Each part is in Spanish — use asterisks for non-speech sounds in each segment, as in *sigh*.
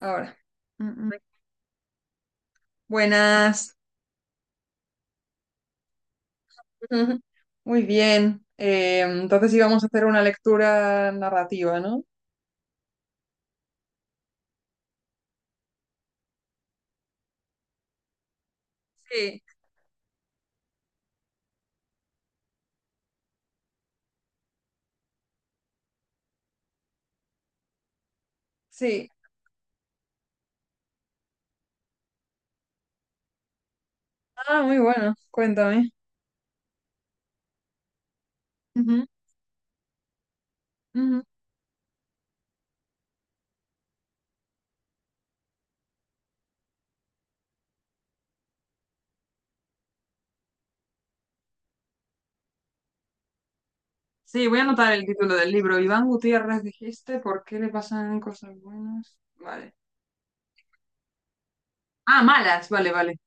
Ahora. Mm, mm. Buenas. *laughs* Muy bien. Entonces íbamos a hacer una lectura narrativa, ¿no? Sí. Sí. Ah, muy bueno. Cuéntame. Ujú, ujú. Sí, voy a anotar el título del libro. Iván Gutiérrez, dijiste, ¿por qué le pasan cosas buenas? Vale. Ah, malas, vale, vale.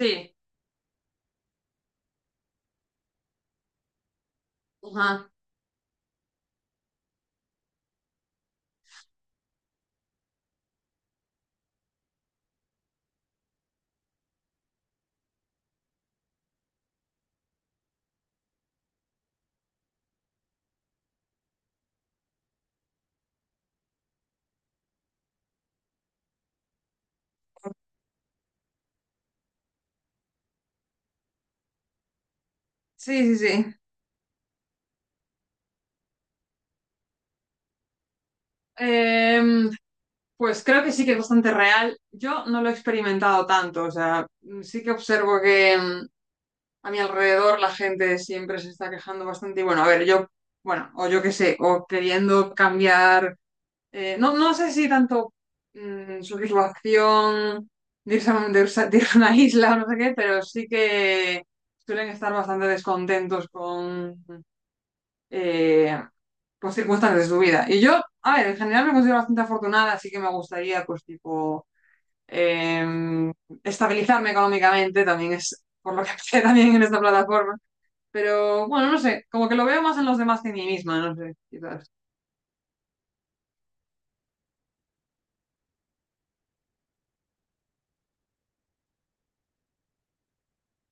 Sí, ajá. Sí, sí, sí. Em, pues creo que sí que es bastante real. Yo no lo he experimentado tanto, o sea, sí que observo que, a mi alrededor la gente siempre se está quejando bastante. Y bueno, a ver, yo, bueno, o yo qué sé, o queriendo cambiar, no, no sé si tanto satisfacción de irse, de irse a de ir a una isla o no sé qué, pero sí que suelen estar bastante descontentos con, eh, pues, circunstancias de su vida. Y yo, a ver, en general me considero bastante afortunada, así que me gustaría, pues, tipo, em, estabilizarme económicamente, también es por lo que *laughs* empecé también en esta plataforma, pero bueno, no sé, como que lo veo más en los demás que en mí misma, no sé, quizás.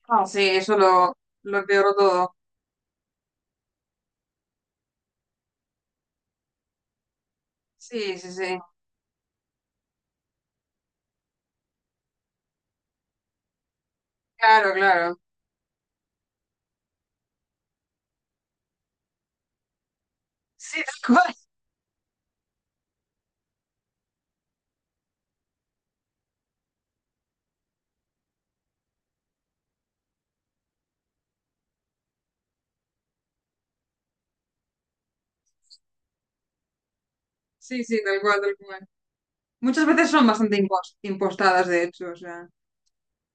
Ah, sí, lo empeoró todo. Sí, sí, sí. Claro, claro. Sí, tal cual. Sí, sí, tal cual, tal cual. Muchas veces son bastante impostadas, de hecho, o sea.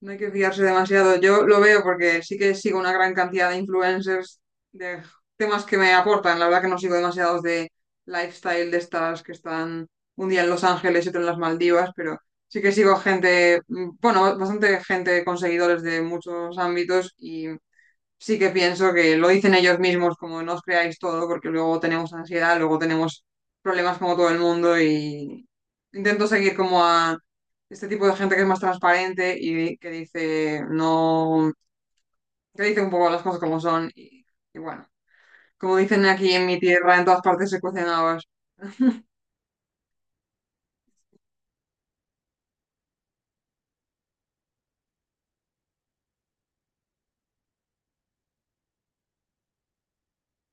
No hay que fiarse demasiado. Yo lo veo porque sí que sigo una gran cantidad de influencers de temas que me aportan. La verdad que no sigo demasiados de lifestyle de estas que están un día en Los Ángeles y otro en las Maldivas, pero sí que sigo gente, bueno, bastante gente con seguidores de muchos ámbitos y sí que pienso que lo dicen ellos mismos, como no os creáis todo, porque luego tenemos ansiedad, luego tenemos problemas como todo el mundo. Y intento seguir como a este tipo de gente que es más transparente y que dice no, que dice un poco las cosas como son y bueno, como dicen aquí en mi tierra, en todas partes se cuecen habas.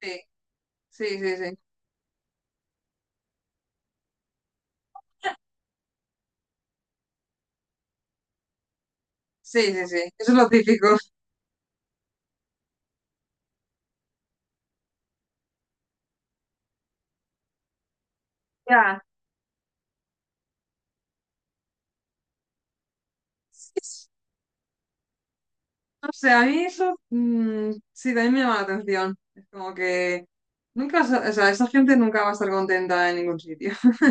Sí, sí, sí, sí, sí, sí, sí, eso es lo típico. Ya. No sé, a mí eso, sí también me llama la atención. Es como que nunca, sa- o sea, esa gente nunca va a estar contenta en ningún sitio. *laughs*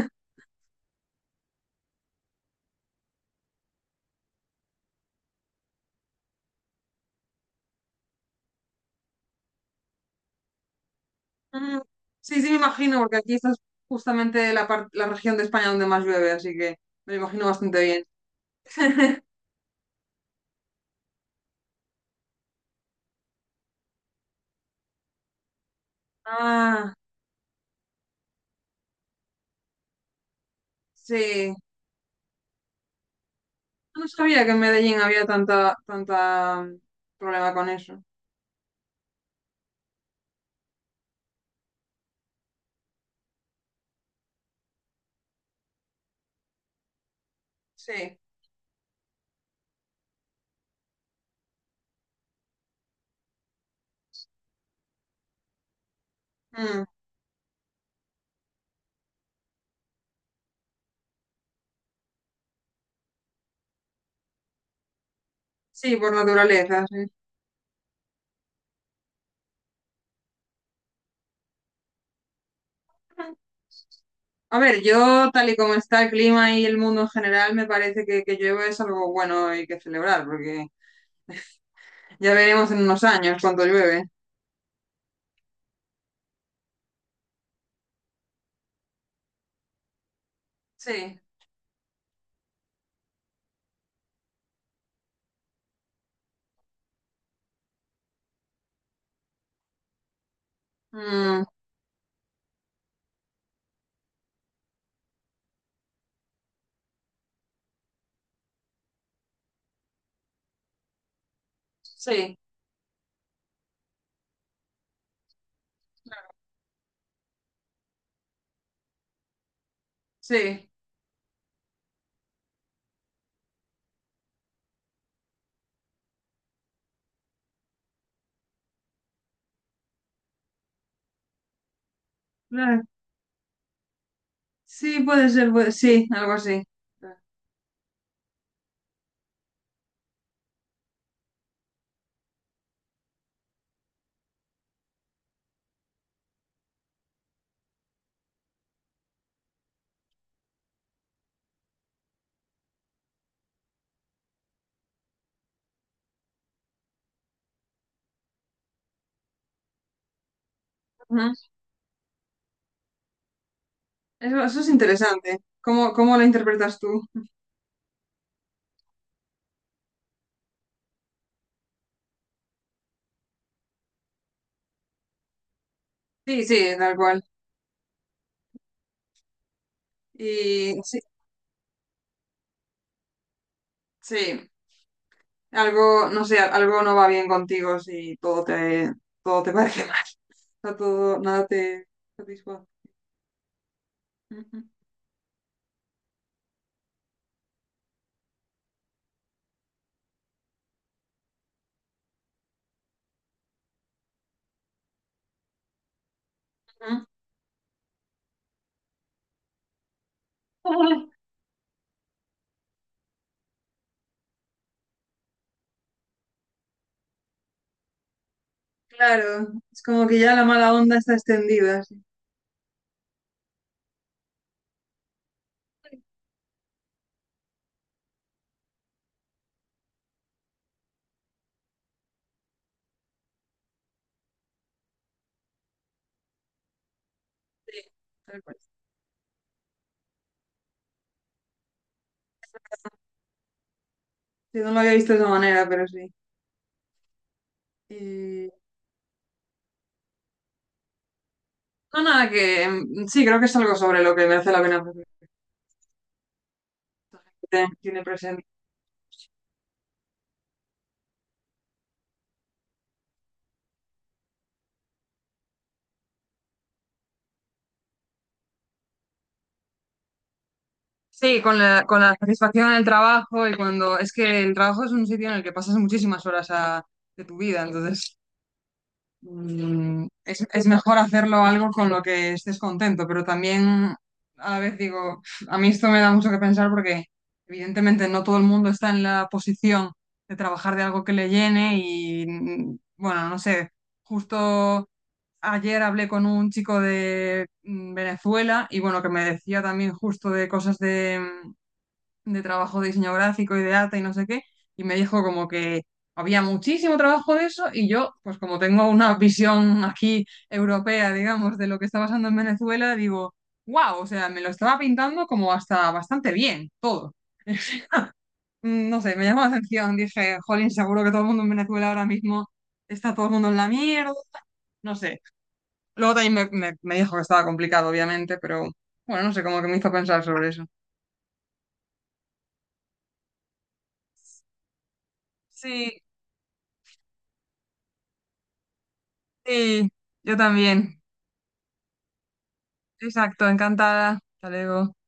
Mm. Sí, sí, me imagino, porque aquí esta es justamente la región de España donde más llueve, así que me lo imagino bastante bien. *laughs* Ah, sí. No sabía que en Medellín había tanta problema con eso. Sí. Mm. Sí, por naturaleza, sí. A ver, yo tal y como está el clima y el mundo en general, me parece que llueve es algo bueno y que celebrar, porque ya veremos en unos años cuánto llueve. Sí, mm, sí, sí, claro. Sí, puede ser, sí, algo así. Ujú. Eso es interesante. ¿Cómo, cómo lo interpretas tú? Sí, sí, tal cual. Y sí, sí, algo, no sé, algo no va bien contigo si todo te *laughs* parece mal. O sea, todo, nada te satisface. Ujú. Ay. Claro, es como que ya la mala onda está extendida. Sí. Sí, tal cual. Sí, no lo había visto de esa manera, pero sí. Y- No, nada, que sí, creo que es algo sobre lo que merece la pena reflexionar. Tiene tiene presente. Sí, con la satisfacción en el trabajo. Y cuando es que el trabajo es un sitio en el que pasas muchísimas horas de tu vida, entonces, es mejor hacerlo algo con lo que estés contento, pero también a la vez digo, "Uf, a mí esto me da mucho que pensar, porque evidentemente no todo el mundo está en la posición de trabajar de algo que le llene". Y bueno, no sé, justo ayer hablé con un chico de Venezuela y bueno, que me decía también justo de cosas de... mm, de trabajo de diseño gráfico y de arte y no sé qué, y me dijo como que había muchísimo trabajo de eso. Y yo, pues como tengo una visión aquí europea, digamos, de lo que está pasando en Venezuela, digo, wow, o sea, me lo estaba pintando como hasta bastante bien, todo. *laughs* Mm. No sé, me llamó la atención, dije, jolín, seguro que todo el mundo en Venezuela ahora mismo está todo el mundo en la mierda, no sé. Luego también me dijo que estaba complicado, obviamente, pero bueno, no sé, como que me hizo pensar sobre eso. Sí, sí, yo también. Exacto, encantada. Hasta luego.